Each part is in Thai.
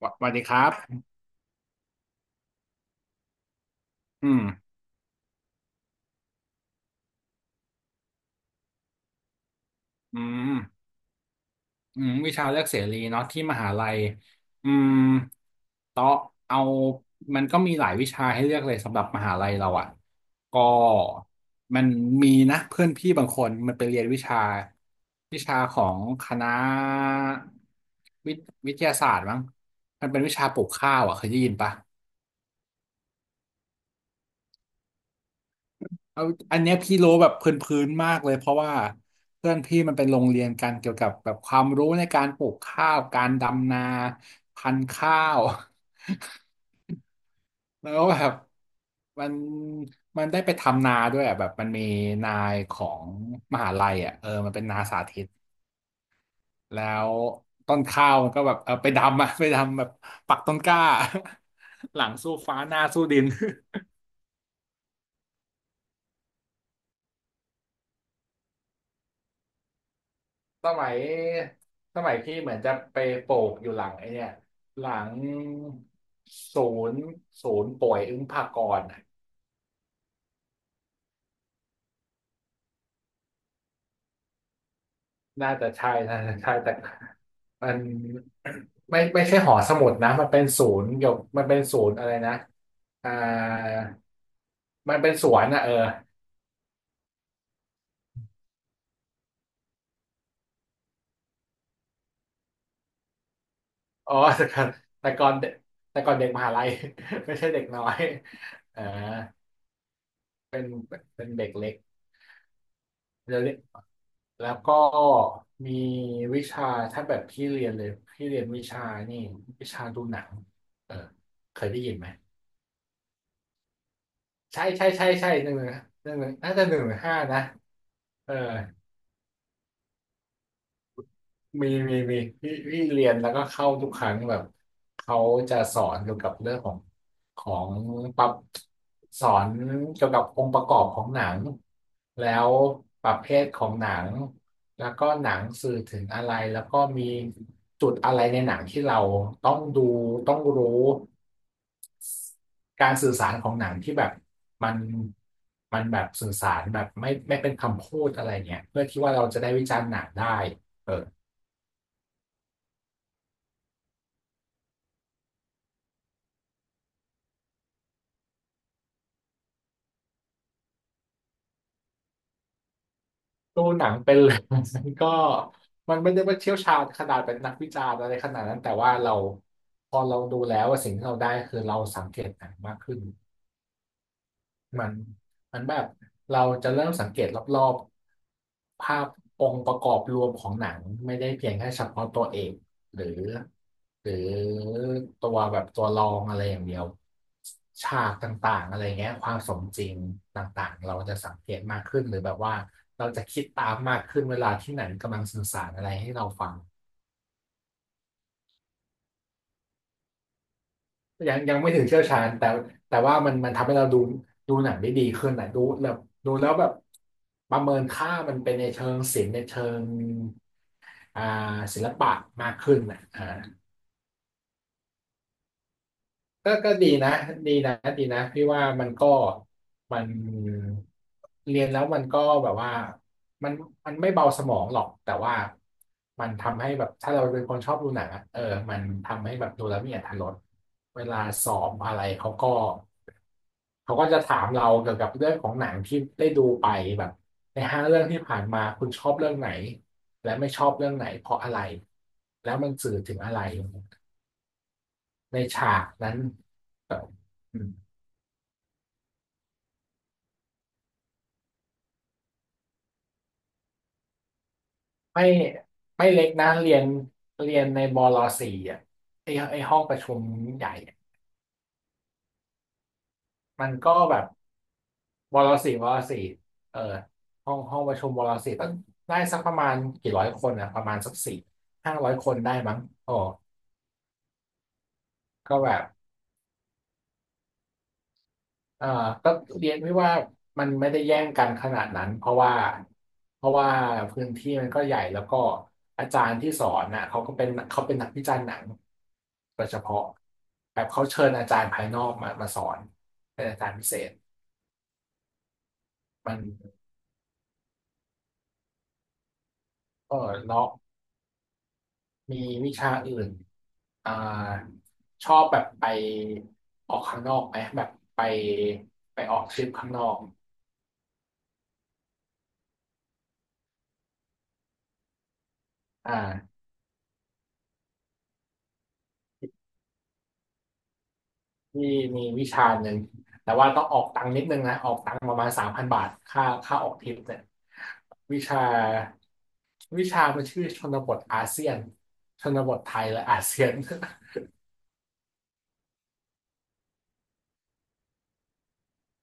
สวัสดีครับอืมอืมวิชาเลือกเสรีเนาะที่มหาลัยอืมต่อเอามันก็มีหลายวิชาให้เลือกเลยสำหรับมหาลัยเราอ่ะ ก็มันมีนะเพื่อนพี่บางคนมันไปเรียนวิชาของคณะวิทวิทยาศาสตร์มั้งมันเป็นวิชาปลูกข้าวอ่ะเคยได้ยินปะ เอาอันเนี้ยพี่รู้แบบพื้นๆมากเลยเพราะว่าเพื่อนพี่มันเป็นโรงเรียนกันเกี่ยวกับแบบความรู้ในการปลูกข้าวการดำนาพันธุ์ข้าว แล้วแบบมันมันได้ไปทำนาด้วยอ่ะแบบมันมีนายของมหาลัยอ่ะเออมันเป็นนาสาธิตแล้วต้นข้าวมันก็แบบเออไปดำอะไปดำแบบปักต้นกล้า หลังสู้ฟ้าหน้าสู้ดิน สมัยสมัยพี่เหมือนจะไปโปกอยู่หลังไอ้เนี่ยหลังศูนย์ศูนย์ป่วยอึ้งภากรน่ะน่าจะใช่น่าจะใช่แต่มันไม่ไม่ใช่หอสมุดนะมันเป็นศูนย์เกี่ยวมันเป็นศูนย์อะไรนะอ่ามันเป็นสวนนะเอออ๋อแต่ก่อนเด็กแต่ก่อนเด็กมหาลัย ไม่ใช่เด็กน้อยเอ่าเป็นเด็กเล็กเดี๋ยวนี้ แล้วก็มีวิชาถ้าแบบพี่เรียนเลยพี่เรียนวิชานี่วิชาดูหนังเออเคยได้ยินไหมใช่ใช่ใช่ใช่หนึ่งหนึ่งน่าจะ115นะเออ มีพี่เรียนแล้วก็เข้าทุกครั้งแบบเขาจะสอนเกี่ยวกับเรื่องของของปรับสอนเกี่ยวกับองค์ประกอบของหนังแล้วประเภทของหนังแล้วก็หนังสื่อถึงอะไรแล้วก็มีจุดอะไรในหนังที่เราต้องดูต้องรู้การสื่อสารของหนังที่แบบมันมันแบบสื่อสารแบบไม่ไม่เป็นคำพูดอะไรเงี้ยเพื่อที่ว่าเราจะได้วิจารณ์หนังได้ ดูหนังเป็นเลย มันก็มันไม่ได้ว่าเชี่ยวชาญขนาดเป็นนักวิจารณ์อะไรขนาดนั้นแต่ว่าเราพอเราดูแล้วว่าสิ่งที่เราได้คือเราสังเกตหนังมากขึ้น มันมันแบบเราจะเริ่มสังเกตรอบๆภาพองค์ประกอบรวมของหนังไม่ได้เพียงแค่เฉพาะตัวเอกหรือหรือตัวแบบตัวรองอะไรอย่างเดียวฉากต่างๆอะไรเงี้ยความสมจริงต่างๆเราจะสังเกตมากขึ้นหรือแบบว่าเราจะคิดตามมากขึ้นเวลาที่หนังกำลังสื่อสารอะไรให้เราฟัง ยังไม่ถึงเชี่ยวชาญแต่ว่ามันทำให้เราดูหนังได้ดีขึ้นนะดูแบบดูแล้วแบบประเมินค่ามันเป็นในเชิงศิลป์ในเชิงอ่าศิลปะมากขึ้นนะอ่าก็ดีนะดีนะพี่ว่ามันก็มันเรียนแล้วมันก็แบบว่ามันมันไม่เบาสมองหรอกแต่ว่ามันทำให้แบบถ้าเราเป็นคนชอบดูหนังอะเออมันทำให้แบบดูแล้วมีอรรถรสเวลาสอบอะไรเขาก็ เขาก็จะถามเราเกี่ยวกับเรื่องของหนังที่ได้ดูไปแบบในห้าเรื่องที่ผ่านมาคุณชอบเรื่องไหนและไม่ชอบเรื่องไหนเพราะอะไรแล้วมันสื่อถึงอะไรในฉากนั้นแบบอืมไม่ไม่เล็กนะเรียนในบลสี่อ่ะไอห้องประชุมใหญ่อะมันก็แบบบลสี่เออห้องประชุมบลสี่ต้องได้สักประมาณกี่ร้อยคนอ่ะประมาณสักสี่ห้าร้อยคนได้มั้งอ๋อก็แบบ อ่าก็เรียนไม่ว่ามันไม่ได้แย่งกันขนาดนั้นเพราะว่าพื้นที่มันก็ใหญ่แล้วก็อาจารย์ที่สอนน่ะเขาก็เป็นเขาเป็นนักวิจารณ์หนังโดยเฉพาะแบบเขาเชิญอาจารย์ภายนอกมาสอนเป็นอาจารย์พิเศษมันก็เลาะมีวิชาอื่นอ่าชอบแบบไปออกข้างนอกไหมแบบไปไปออกทริปข้างนอกอ่า ที่มีวิชาหนึ่งแต่ว่าต้องออกตังค์นิดนึงนะออกตังค์ประมาณ3,000 บาทค่าออกทริปเนี่ยวิชาวิชามันชื่อชนบทอาเซียนชนบทไทยและอาเซียน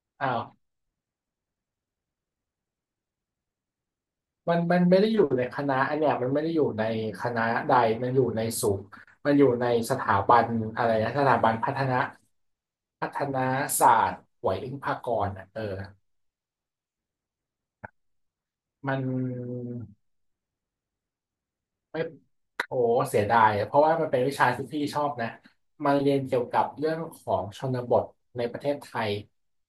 อ้าวมันไม่ได้อยู่ในคณะอันเนี้ยมันไม่ได้อยู่ในคณะใดมันอยู่ในสูงมันอยู่ในสถาบันอะไรนะสถาบันพัฒนาศาสตร์ไหวอิงพากรณ์อ่ะเออมัน ไม่โอ้เสียดายเพราะว่ามันเป็นวิชาที่พี่ชอบนะมันเรียนเกี่ยวกับเรื่องของชนบทในประเทศไทย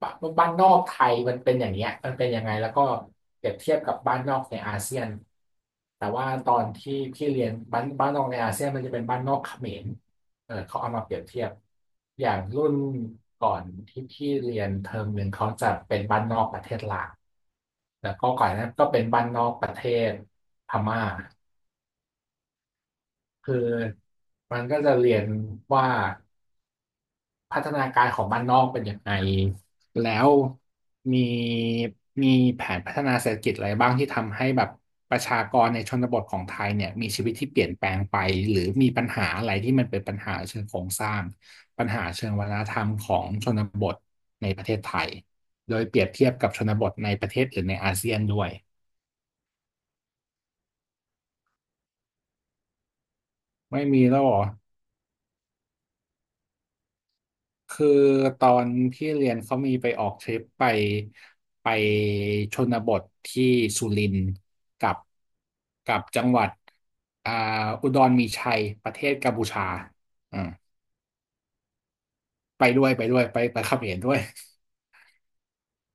บ้านนอกไทยมันเป็นอย่างเงี้ยมันเป็นยังไงแล้วก็เปรียบเทียบกับบ้านนอกในอาเซียนแต่ว่าตอนที่พี่เรียนบ้านนอกในอาเซียนมันจะเป็นบ้านนอกเขมรเออเขาเอามาเปรียบเทียบอย่างรุ่นก่อนที่พี่เรียนเทอมหนึ่งเขาจะเป็นบ้านนอกประเทศลาวแล้วก็ก่อนหนานั้นก็เป็นบ้านนอกประเทศพม่า คือมันก็จะเรียนว่าพัฒนาการของบ้านนอกเป็นยังไงแล้วมีมีแผนพัฒนาเศรษฐกิจอะไรบ้างที่ทำให้แบบประชากรในชนบทของไทยเนี่ยมีชีวิตที่เปลี่ยนแปลงไปหรือมีปัญหาอะไรที่มันเป็นปัญหาเชิงโครงสร้างปัญหาเชิงวัฒนธรรมของชนบทในประเทศไทยโดยเปรียบเทียบกับชนบทในประเทศอื่นในอาเซียนด้วยไม่มีแล้วเหรอ คือตอนพี่เรียนเขามีไปออกทริปไปชนบทที่สุรินทร์กับกับจังหวัดอ่าอุดรมีชัยประเทศกัมพูชาอ่าไปด้วยไปด้วยไปเขมรด้วย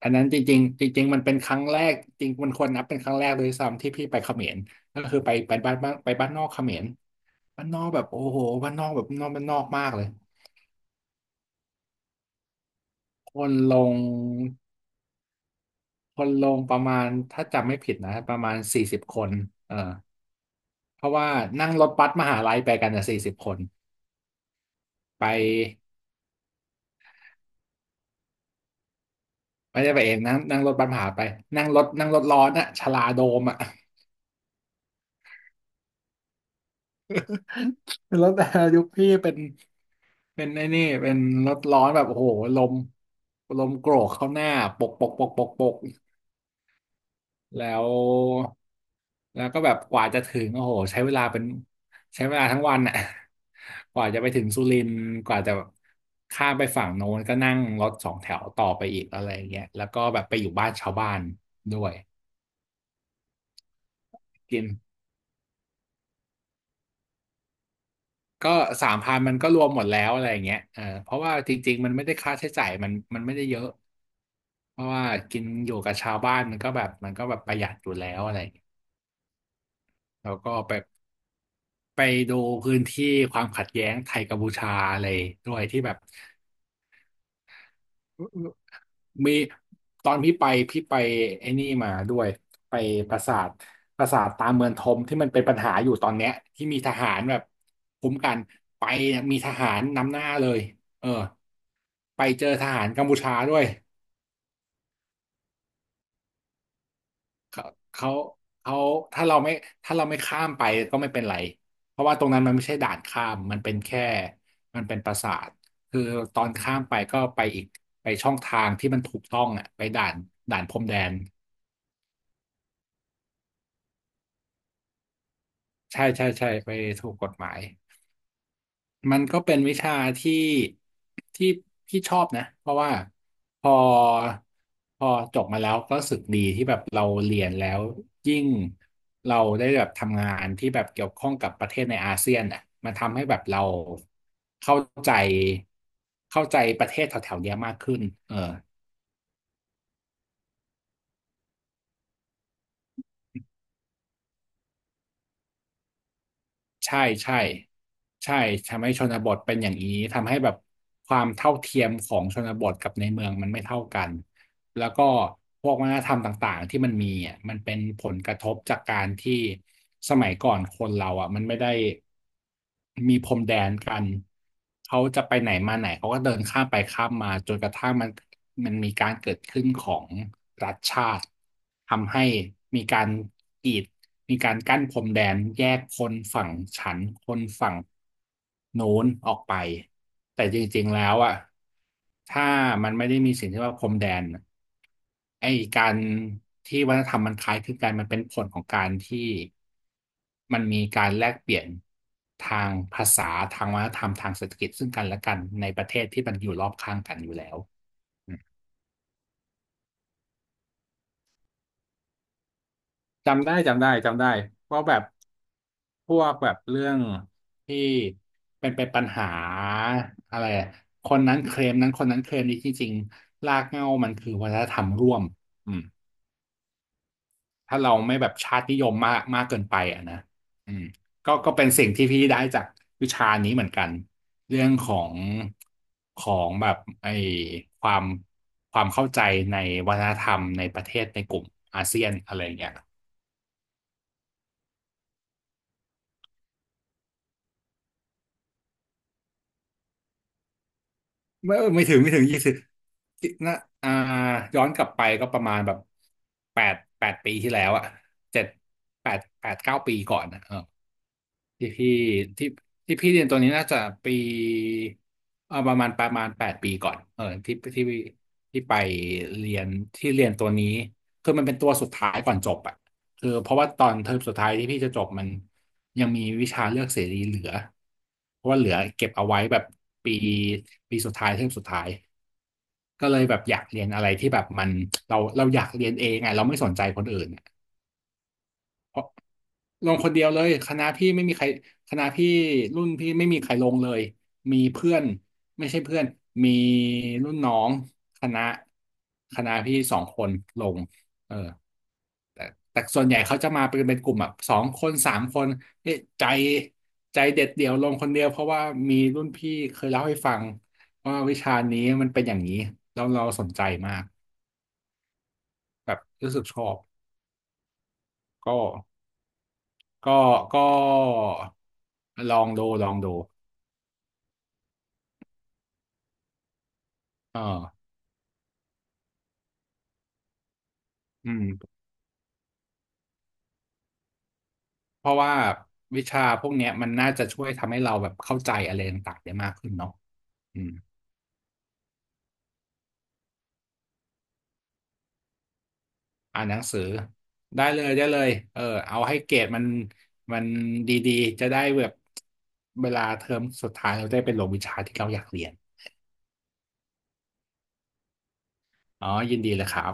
อันนั้นจริงๆจริงๆมันเป็นครั้งแรกจริงมันควรนับเป็นครั้งแรกเลยซ้ำที่พี่ไปเขมรก็คือไปบ้านนอกเขมรบ้านนอกแบบโอ้โหบ้านนอกแบบนอกบ้านนอกมากเลยคนลง คนลงประมาณถ้าจำไม่ผิดนะประมาณสี่สิบคนเออเพราะว่านั่งรถบัสมหาลัยไปกันอ่ะสี่สิบคนไปไม่ได้ไปเองนั่งนั่งรถบัสมหาไปนั่งรถร้อนอะชลาโดมอะ เป็นรถยุคพี่เป็นรถร้อนแบบโอ้โหลมลมโกรกเข้าหน้าปกปกปกปกปก แล้วแล้วก็แบบกว่าจะถึงโอ้โหใช้เวลาทั้งวันอ่ะ กว่าจะไปถึงสุรินทร์กว่าจะข้ามไปฝั่งโน้นก็นั่งรถสองแถวต่อไปอีกอะไรอย่างเงี้ยแล้วก็แบบไปอยู่บ้านชาวบ้านด้วยกินก็3,000มันก็รวมหมดแล้วอะไรอย่างเงี้ยเออเพราะว่าจริงๆมันไม่ได้ค่าใช้จ่ายมันไม่ได้เยอะเพราะว่ากินอยู่กับชาวบ้านมันก็แบบมันก็แบบประหยัดอยู่แล้วอะไรอย่างเงี้ยแล้วก็ไป ไปดูพื้นที่ความขัดแย้งไทยกัมพูชาอะไรด้วยที่แบบมีตอนพี่ไปพี่ไปไอ้นี่มาด้วยไปปราสาทปราสาทตาเมืองทมที่มันเป็นปัญหาอยู่ตอนเนี้ยที่มีทหารแบบคุ้มกันไปเนี่ยมีทหารนำหน้าเลยเออไปเจอทหารกัมพูชาด้วย เขาเขาเขาถ้าเราไม่ถ้าเราไม่ข้ามไปก็ไม่เป็นไรเพราะว่าตรงนั้นมันไม่ใช่ด่านข้ามมันเป็นแค่มันเป็นปราสาทคือตอนข้ามไปก็ไปอีกไปช่องทางที่มันถูกต้องอ่ะไปด่านด่านพรมแดนใช่ใช่ใช่ไปถูกกฎหมาย มันก็เป็นวิชาที่ที่พี่ชอบนะเพราะว่าพอพอจบมาแล้วก็รู้สึกดีที่แบบเราเรียนแล้วยิ่งเราได้แบบทำงานที่แบบเกี่ยวข้องกับประเทศในอาเซียนอ่ะมันทำให้แบบเราเข้าใจเข้าใจประเทศแถวๆเนี้ยมากขึ้นเออใช่ใช่ใช่ทำให้ชนบทเป็นอย่างนี้ทำให้แบบความเท่าเทียมของชนบทกับในเมืองมันไม่เท่ากัน แล้วก็พวกวัฒนธรรมต่างๆที่มันมีอ่ะมันเป็นผลกระทบจากการที่สมัยก่อนคนเราอ่ะมันไม่ได้มีพรมแดนกันเขาจะไปไหนมาไหนเขาก็เดินข้ามไปข้ามมาจนกระทั่งมันมีการเกิดขึ้นของรัฐชาติทำให้มีการกีดมีการกั้นพรมแดนแยกคนฝั่งฉันคนฝั่ง โน้นออกไปแต่จริงๆแล้วอ่ะถ้ามันไม่ได้มีสิ่งที่ว่าพรมแดนไอ้การที่วัฒนธรรมมันคล้ายคลึงกันมันเป็นผลของการที่มันมีการแลกเปลี่ยนทางภาษาทางวัฒนธรรมทางเศรษฐกิจซึ่งกันและกันในประเทศที่มันอยู่รอบข้างกันอยู่แล้ว จำได้จำได้จำได้เพราะแบบพวกแบบเรื่องที่เป็นปัญหาอะไรอะคนนั้นเคลมนั้นคนนั้นเคลมนี้ที่จริงรากเหง้ามันคือวัฒนธรรมร่วมอืมถ้าเราไม่แบบชาตินิยมมากมากเกินไปอ่ะนะอืมก็เป็นสิ่งที่พี่ได้จากวิชานี้เหมือนกันเรื่องของของแบบไอ้ความความเข้าใจในวัฒนธรรมในประเทศในกลุ่มอาเซียนอะไรอย่างเงี้ย ไม่เออไม่ถึง20นะอ่าย้อนกลับไปก็ประมาณแบบแปดปีที่แล้วอะเจ็ดแปดเก้าปีก่อนนะ ที่พี่ที่ที่พี่เรียนตัวนี้น่าจะปีเอาประมาณแปดปีก่อนเออที่ไปเรียนที่เรียนตัวนี้คือมันเป็นตัวสุดท้ายก่อนจบอ่ะคือเพราะว่าตอนเทอมสุดท้ายที่พี่จะจบมันยังมีวิชาเลือกเสรีเหลือเพราะว่าเหลือเก็บเอาไว้แบบปีปีสุดท้ายเทอมสุดท้ายก็เลยแบบอยากเรียนอะไรที่แบบมันเราอยากเรียนเองไงเราไม่สนใจคนอื่นอะ ลงคนเดียวเลยคณะพี่ไม่มีใครคณะพี่รุ่นพี่ไม่มีใครลงเลยมีเพื่อนไม่ใช่เพื่อนมีรุ่นน้องคณะคณะพี่สองคนลงเออแต่แต่ส่วนใหญ่เขาจะมาเป็นกลุ่มแบบสองคนสามคนเอ๊ะใจใจเด็ดเดี่ยวลงคนเดียวเพราะว่ามีรุ่นพี่เคยเล่าให้ฟังว่าวิชานี้มันเป็นอย่างนี้แล้วเราสนใจมากแบบรู้สึกชอบก็ก็ก็ลองดูลองดูเออ อืมเพราะว่าวิชาพวกเนี้ยมันน่าจะช่วยทำให้เราแบบเข้าใจอะไรต่างๆได้มากขึ้นเนาะอืมอ่านหนังสือได้เลยได้เลยเออเอาให้เกรดมันมันดีๆจะได้แบบเวลาเทอมสุดท้ายเราได้ไปลงวิชาที่เราอยากเรียนอ๋อยินดีเลยครับ